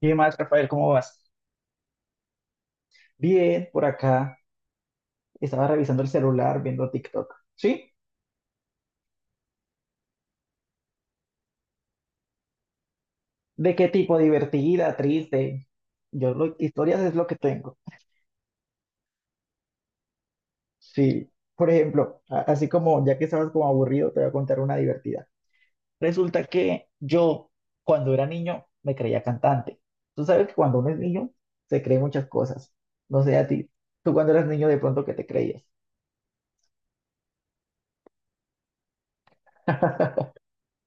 ¿Qué más, Rafael? ¿Cómo vas? Bien, por acá estaba revisando el celular, viendo TikTok. ¿Sí? ¿De qué tipo? ¿Divertida, triste? Yo, historias es lo que tengo. Sí. Por ejemplo, así como ya que estabas como aburrido, te voy a contar una divertida. Resulta que yo, cuando era niño, me creía cantante. Tú sabes que cuando uno es niño, se cree muchas cosas. No sé a ti. Tú cuando eras niño, de pronto, ¿qué te creías?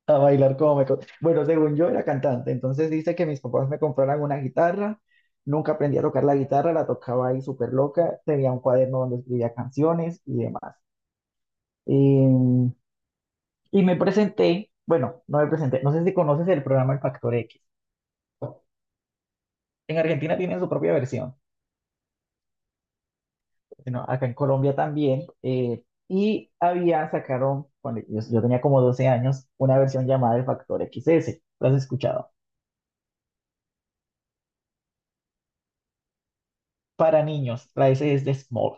a bailar como me... co- Bueno, según yo era cantante, entonces dice que mis papás me compraron una guitarra, nunca aprendí a tocar la guitarra, la tocaba ahí súper loca, tenía un cuaderno donde escribía canciones y demás. Y, y me presenté, bueno, no me presenté, no sé si conoces el programa El Factor X. En Argentina tienen su propia versión, sino acá en Colombia también. Y había, sacaron, cuando yo tenía como 12 años, una versión llamada El Factor XS. ¿Lo has escuchado? Para niños, la S es de Small.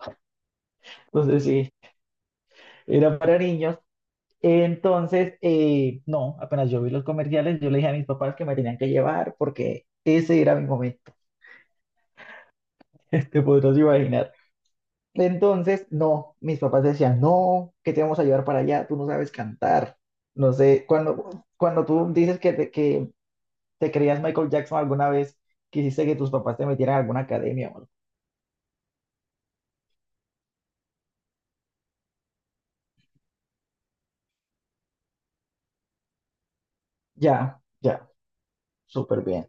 Entonces, sí, era para niños. Entonces, no, apenas yo vi los comerciales, yo le dije a mis papás que me tenían que llevar porque ese era mi momento, te podrás imaginar. Entonces, no, mis papás decían, no, ¿qué te vamos a llevar para allá? Tú no sabes cantar. No sé, cuando tú dices que te creías Michael Jackson alguna vez, quisiste que tus papás te metieran a alguna academia o algo. Ya, ya, súper bien.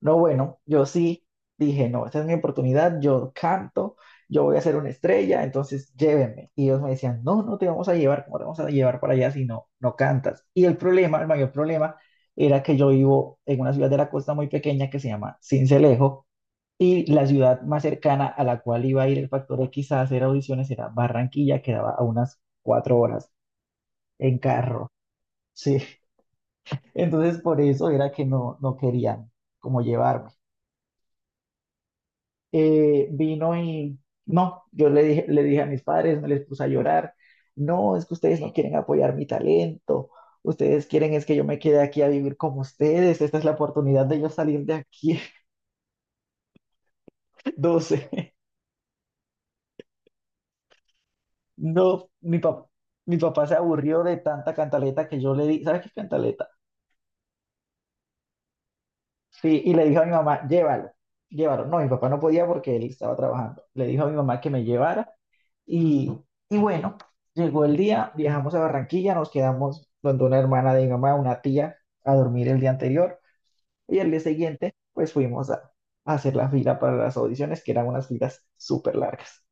No, bueno, yo sí dije, no, esta es mi oportunidad, yo canto, yo voy a ser una estrella, entonces llévenme. Y ellos me decían, no, no te vamos a llevar, ¿cómo te vamos a llevar para allá si no, no cantas? Y el problema, el mayor problema, era que yo vivo en una ciudad de la costa muy pequeña que se llama Sincelejo, y la ciudad más cercana a la cual iba a ir el Factor X a hacer audiciones era Barranquilla, que daba a unas 4 horas en carro, sí. Entonces por eso era que no, no querían como llevarme. Vino y no, yo le dije a mis padres, me les puse a llorar, no, es que ustedes no quieren apoyar mi talento, ustedes quieren es que yo me quede aquí a vivir como ustedes, esta es la oportunidad de yo salir de aquí, 12. No, mi papá. Mi papá se aburrió de tanta cantaleta que yo le di, ¿sabes qué es cantaleta? Sí, y le dije a mi mamá, llévalo, llévalo. No, mi papá no podía porque él estaba trabajando. Le dijo a mi mamá que me llevara. Y, y bueno, llegó el día, viajamos a Barranquilla, nos quedamos donde una hermana de mi mamá, una tía, a dormir el día anterior. Y el día siguiente, pues fuimos a hacer la fila para las audiciones, que eran unas filas súper largas.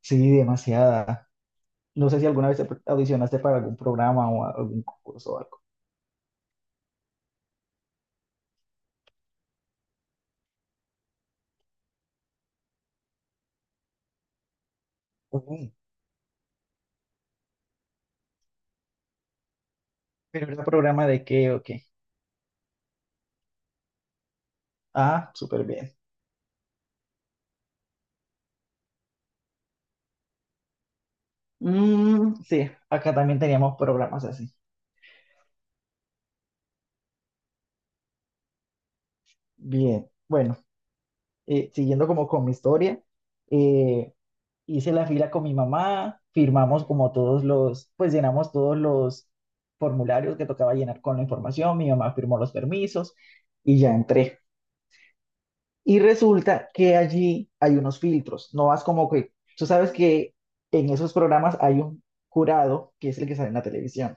Sí, demasiada. No sé si alguna vez te audicionaste para algún programa o algún concurso o algo. Ujú. Pero era programa de qué o qué. Ah, súper bien. Mm, sí, acá también teníamos programas así. Bien, bueno, siguiendo como con mi historia, eh, hice la fila con mi mamá, firmamos como todos los, pues llenamos todos los formularios que tocaba llenar con la información, mi mamá firmó los permisos y ya entré. Y resulta que allí hay unos filtros, no vas como que, tú sabes que en esos programas hay un jurado que es el que sale en la televisión.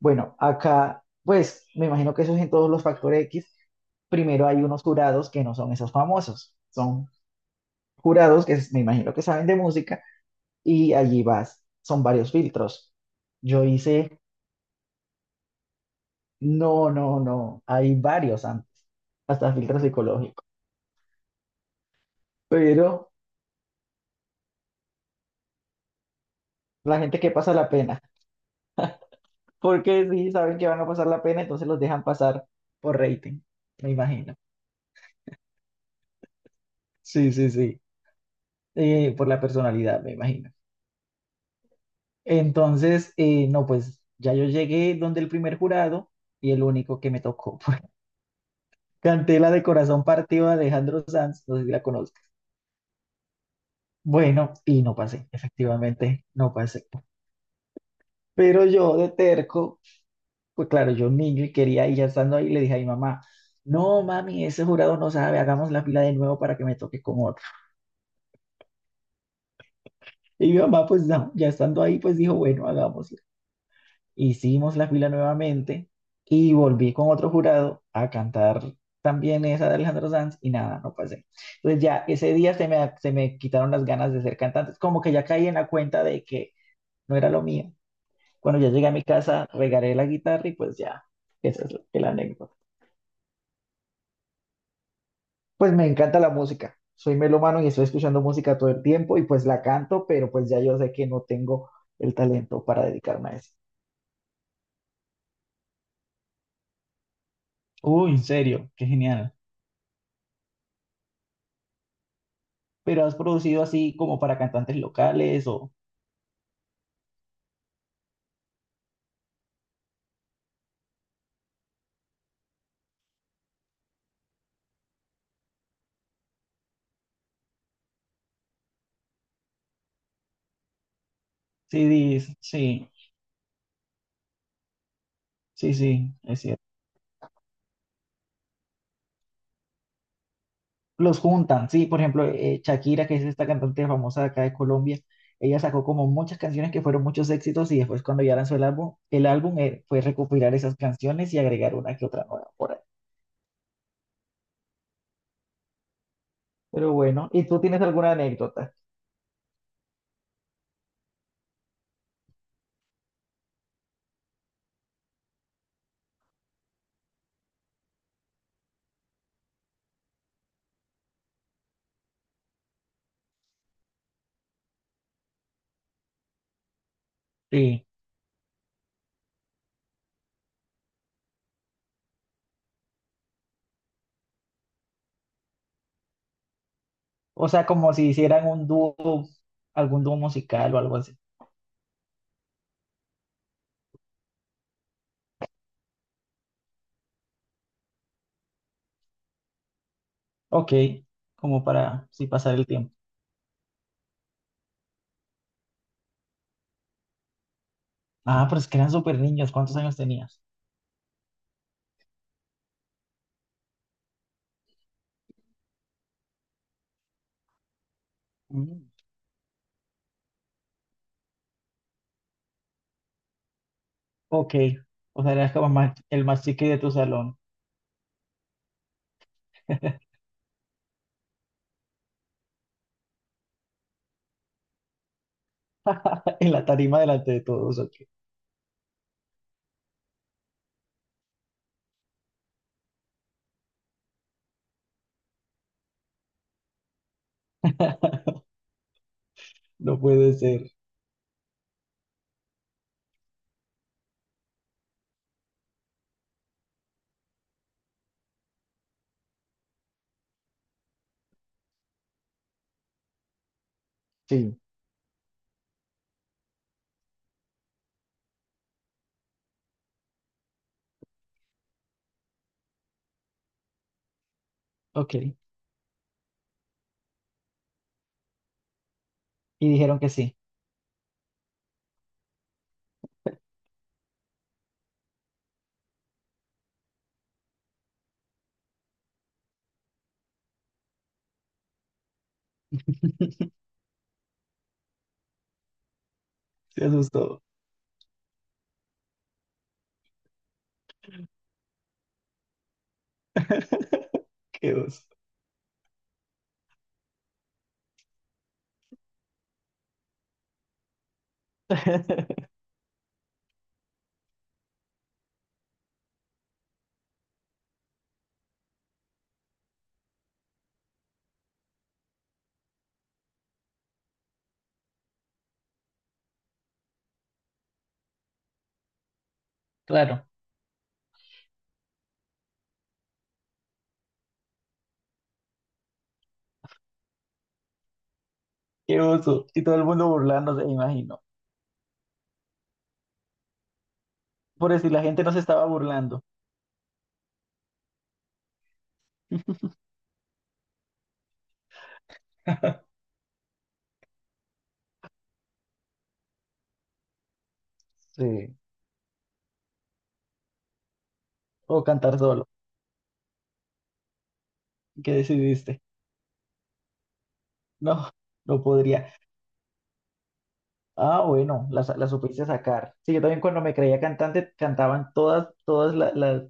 Bueno, acá, pues me imagino que eso es en todos los Factor X, primero hay unos jurados que no son esos famosos, son jurados que me imagino que saben de música y allí vas, son varios filtros. Yo hice, no, no, no, hay varios antes, hasta filtro psicológico, pero la gente que pasa la pena, porque si saben que van a pasar la pena, entonces los dejan pasar por rating, me imagino. Sí, sí, sí, por la personalidad, me imagino. Entonces, no, pues ya yo llegué donde el primer jurado y el único que me tocó, pues canté la de Corazón Partido de Alejandro Sanz, no sé si la conozco. Bueno, y no pasé, efectivamente, no pasé. Pero yo de terco, pues claro, yo niño y quería, y ya estando ahí, le dije a mi mamá, no, mami, ese jurado no sabe, hagamos la fila de nuevo para que me toque con otro. Y mi mamá, pues no, ya estando ahí, pues dijo, bueno, hagámosla. Hicimos la fila nuevamente y volví con otro jurado a cantar también esa de Alejandro Sanz y nada, no pasé. Entonces ya ese día se me quitaron las ganas de ser cantante, como que ya caí en la cuenta de que no era lo mío. Cuando ya llegué a mi casa, regaré la guitarra y pues ya, esa es la anécdota. Pues me encanta la música. Soy melómano y estoy escuchando música todo el tiempo y pues la canto, pero pues ya yo sé que no tengo el talento para dedicarme a eso. Uy, en serio, qué genial. Pero has producido así como para cantantes locales o CDs. Sí, sí, sí, es cierto. Los juntan, sí, por ejemplo, Shakira, que es esta cantante famosa de acá de Colombia, ella sacó como muchas canciones que fueron muchos éxitos y después cuando ya lanzó el álbum, el álbum, fue recopilar esas canciones y agregar una que otra nueva por ahí. Pero bueno, ¿y tú tienes alguna anécdota? Sí, o sea, como si hicieran un dúo, algún dúo musical o algo así. Ok, como para sí pasar el tiempo. Ah, pero es que eran súper niños, ¿cuántos años tenías? Mm. Ok, o sea, eras como el más chique de tu salón, en la tarima delante de todos, ok. No puede ser. Sí, ok, y dijeron que sí, se asustó. Qué oso. Claro, qué oso. Y todo el mundo burlándose, me imagino. Por decir, la gente no se estaba burlando sí. O cantar solo. ¿Qué decidiste? No, no podría. Ah, bueno, las supiste sacar. Sí, yo también cuando me creía cantante cantaban todas, todas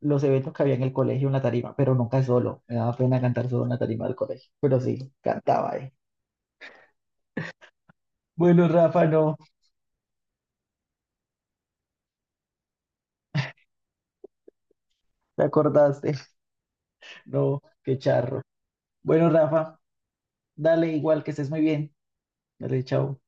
los eventos que había en el colegio en la tarima, pero nunca solo. Me daba pena cantar solo en la tarima del colegio, pero sí, cantaba. Bueno, Rafa, no, te acordaste. No, qué charro. Bueno, Rafa, dale igual que estés muy bien. Dale, chao.